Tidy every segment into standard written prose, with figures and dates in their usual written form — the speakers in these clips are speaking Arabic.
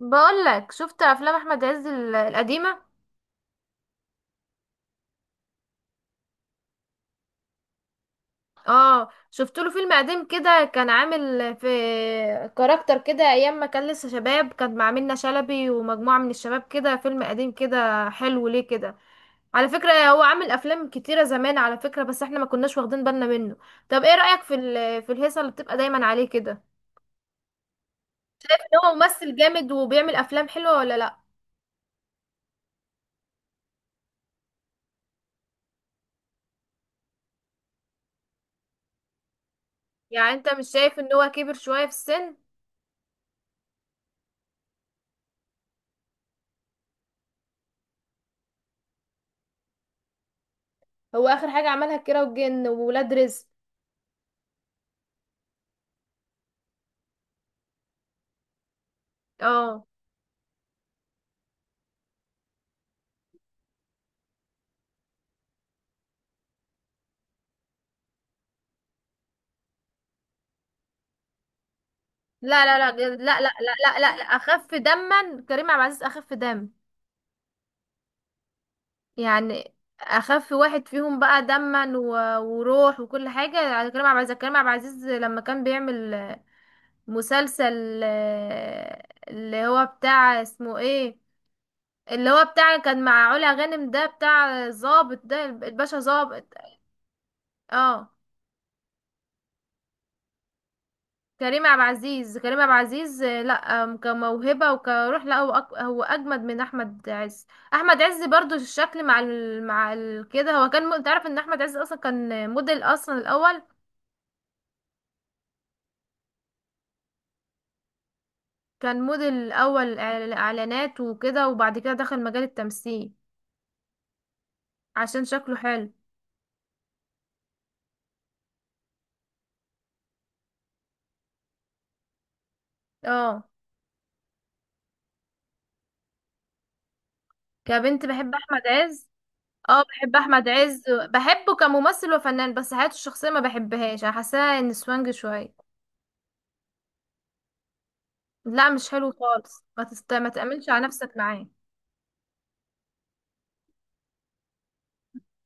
بقولك، شفت افلام احمد عز القديمه؟ اه، شفت له فيلم قديم كده، كان عامل في كاركتر كده، ايام ما كان لسه شباب، كان مع منة شلبي ومجموعه من الشباب، كده فيلم قديم كده حلو ليه كده. على فكره هو عامل افلام كتيره زمان، على فكره، بس احنا ما كناش واخدين بالنا منه. طب ايه رايك في الهيصه اللي بتبقى دايما عليه كده؟ ان هو ممثل جامد وبيعمل افلام حلوه ولا لا؟ يعني انت مش شايف ان هو كبر شويه في السن؟ هو اخر حاجه عملها كيرة والجن وولاد رزق. اه، لا لا لا لا لا لا لا، لا. اخف دما كريم عبد العزيز، اخف دم. يعني اخف واحد فيهم بقى دما و- وروح وكل حاجه على كريم عبد العزيز. كريم عبد العزيز لما كان بيعمل مسلسل، اللي هو بتاع اسمه ايه، اللي هو بتاع كان مع علا غانم، ده بتاع ظابط، ده الباشا ظابط. اه، كريم عبد العزيز، كريم عبد العزيز، لا. كموهبة وكروح، لا هو هو أجمد من أحمد عز. أحمد عز برضو الشكل كده، هو كان أنت عارف إن أحمد عز أصلا كان موديل أصلا الأول. كان موديل أول إعلانات وكده، وبعد كده دخل مجال التمثيل عشان شكله حلو. اه، كبنت بحب أحمد عز. اه، بحب أحمد عز، بحبه كممثل وفنان، بس حياته الشخصية ما بحبهاش، أنا حاساه إن سوانج شوية. لا مش حلو خالص، ما تأمنش على نفسك معاه.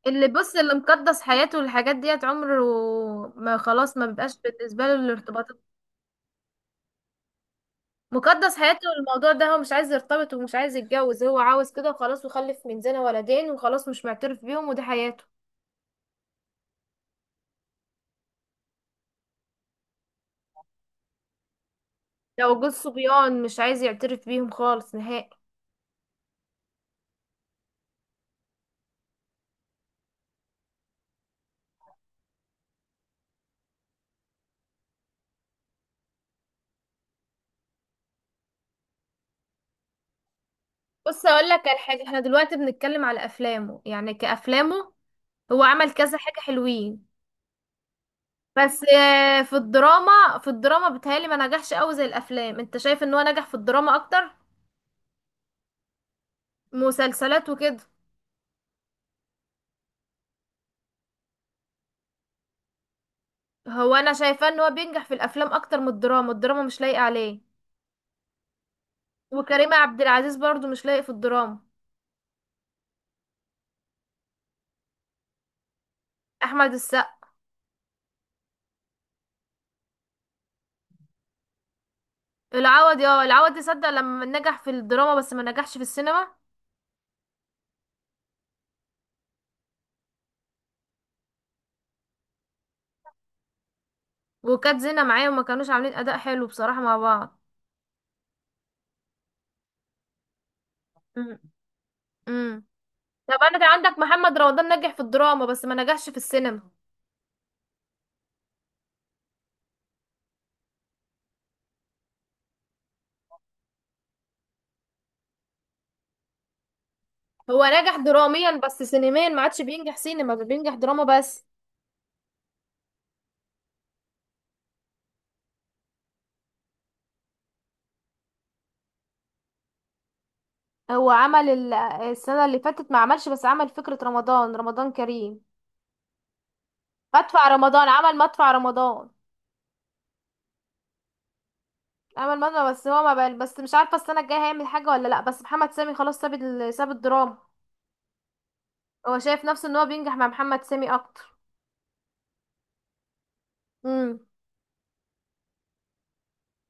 اللي بص، اللي مقدس حياته والحاجات ديت، عمره ما خلاص، ما بيبقاش بالنسبة له الارتباط. مقدس حياته والموضوع ده، هو مش عايز يرتبط ومش عايز يتجوز، هو عاوز كده وخلاص، وخلف من زنا ولدين وخلاص مش معترف بيهم، وده حياته. لو جوز صبيان مش عايز يعترف بيهم خالص نهائي. بص، اقول لك على حاجة، احنا دلوقتي بنتكلم على افلامه، يعني كافلامه هو عمل كذا حاجة حلوين. بس في الدراما بتهيألي ما نجحش قوي زي الافلام. انت شايف ان هو نجح في الدراما اكتر؟ مسلسلات وكده. هو انا شايفاه ان هو بينجح في الافلام اكتر من الدراما، الدراما مش لايقه عليه. وكريم عبد العزيز برضو مش لايق في الدراما. احمد السقا. العوضي، اه العوضي صدق لما نجح في الدراما بس ما نجحش في السينما، وكانت زينة معاه وما كانوش عاملين اداء حلو بصراحه مع بعض. امم أمم. طب انا كان عندك محمد رمضان، نجح في الدراما بس ما نجحش في السينما. هو نجح دراميا بس سينميا ما عادش بينجح، سينما بينجح، دراما بس. هو عمل السنه اللي فاتت ما عملش، بس عمل فكره رمضان كريم، مدفع رمضان، عمل مدفع رمضان. عمل مدفع بس، هو ما بقى، بس مش عارفه السنه الجايه هيعمل حاجه ولا لا، بس محمد سامي خلاص ساب ساب الدراما. هو شايف نفسه ان هو بينجح مع محمد سامي اكتر. امم.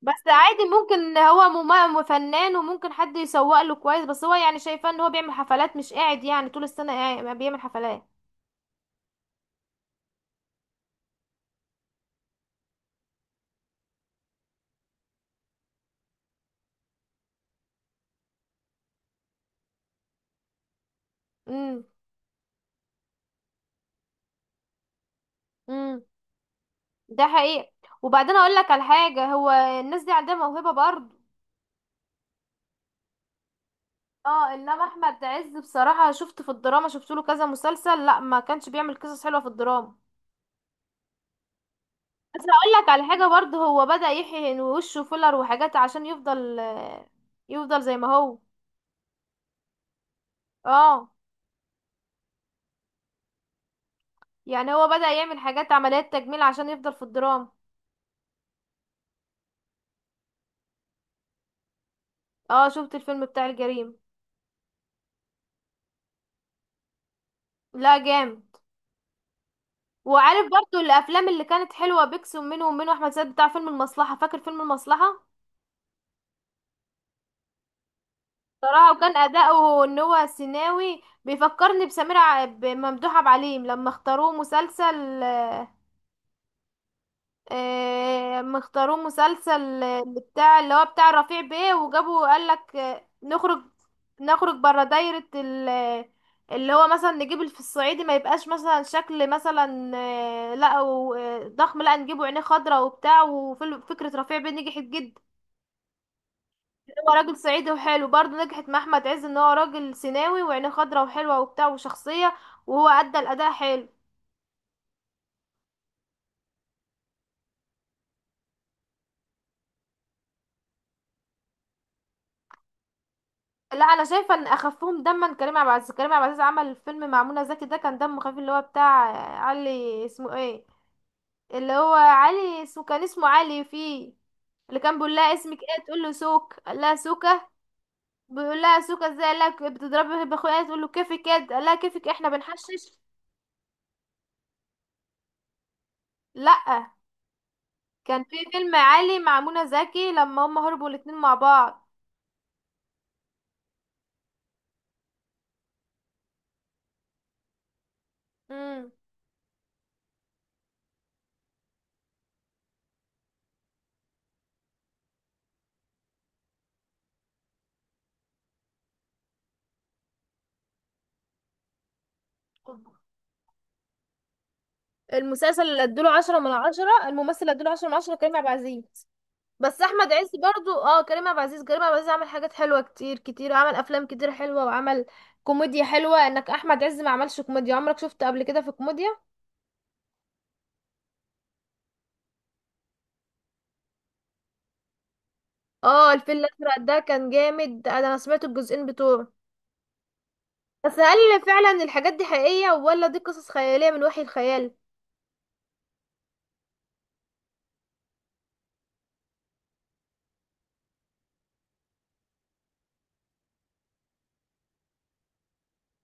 بس عادي، ممكن هو فنان، وممكن حد يسوق له كويس، بس هو يعني شايفاه ان هو بيعمل حفلات، مش قاعد يعني طول السنه قاعد ما بيعمل حفلات. امم امم ده حقيقي. وبعدين اقول لك على حاجه، هو الناس دي عندها موهبه برضه. اه، انما احمد عز بصراحه شفت في الدراما، شفت له كذا مسلسل، لا ما كانش بيعمل قصص حلوه في الدراما. بس هقول لك على حاجه برضه، هو بدأ يحيي وشه فيلر وحاجات عشان يفضل زي ما هو. اه. يعني هو بدأ يعمل حاجات عمليات تجميل عشان يفضل في الدراما. اه شفت الفيلم بتاع الجريمه. لا، جامد. وعارف برضه الافلام اللي كانت حلوه بيكسب منه، ومنه احمد سعد بتاع فيلم المصلحه، فاكر فيلم المصلحه؟ صراحة، وكان أداؤه إن هو سيناوي، بيفكرني بسمير بممدوح عبد العليم لما اختاروه مسلسل. اللي بتاع، اللي هو بتاع رفيع بيه، وجابوا قال لك نخرج نخرج بره دايرة اللي هو مثلا نجيب في الصعيدي ما يبقاش مثلا شكل مثلا، لا ضخم، لا نجيبه عينيه خضراء وبتاع، وفكرة رفيع بيه نجحت جدا. هو راجل صعيدي وحلو برضه، نجحت مع احمد عز ان هو راجل سيناوي وعينيه خضرا وحلوه وبتاع وشخصيه، وهو ادى الاداء حلو. لا، انا شايفه ان اخفهم دما كريم عبد العزيز، كريم عبد العزيز عمل فيلم مع منى زكي، ده كان دمه خفيف، اللي هو بتاع علي، اسمه ايه، اللي هو علي اسمه، كان اسمه علي فيه. اللي كان بيقول لها اسمك ايه، تقول له سوك، قال لها سوكه، بيقول لها سوكه ازاي، قال لها بتضربي باخويا، تقول له كيفك كده، قال لها كيفك إيه؟ احنا بنحشش. لا، كان في فيلم عالي مع منى زكي لما هم هربوا الاتنين مع بعض. امم. المسلسل اللي ادوله 10 من 10، الممثل اللي ادوله 10 من 10 كريم عبد العزيز. بس احمد عز برضو، اه، كريم عبد العزيز، كريم عبد العزيز عمل حاجات حلوة كتير كتير، عمل افلام كتير حلوة، وعمل كوميديا حلوة، انك احمد عز ما عملش كوميديا، عمرك شفته قبل كده في كوميديا؟ اه الفيل الازرق ده كان جامد، ده انا سمعت الجزئين بتوعه. بس هل فعلا الحاجات دي حقيقية، ولا دي قصص خيالية من وحي الخيال؟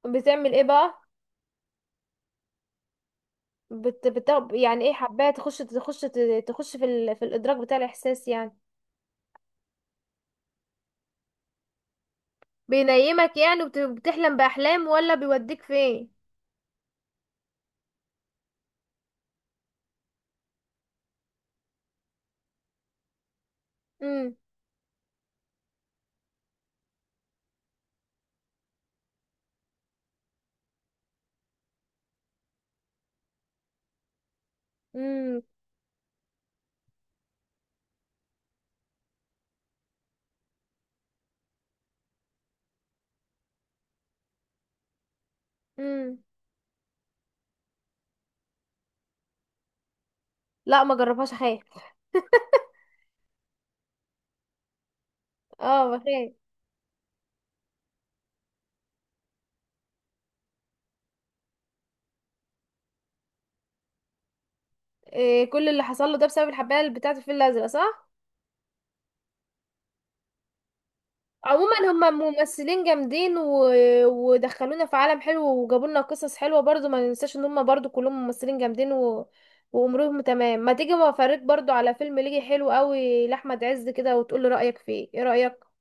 بتعمل ايه بقى؟ يعني ايه حبايه تخش، تخش في في الادراك بتاع الاحساس يعني؟ بينيمك يعني وبتحلم بأحلام ولا بيوديك فين؟ امم. امم. امم. لا، ما جربهاش، اخاف. اه، بخاف. إيه كل اللي حصل له ده بسبب الحبايه اللي بتاعت الفيل الازرق، صح؟ عموما هم ممثلين جامدين ودخلونا في عالم حلو وجابوا لنا قصص حلوه، برضو ما ننساش ان هم برضو كلهم ممثلين جامدين وامورهم تمام. ما تيجي ما افرجك برضو على فيلم ليجي حلو قوي لاحمد عز كده، وتقول لي رايك فيه، ايه رايك.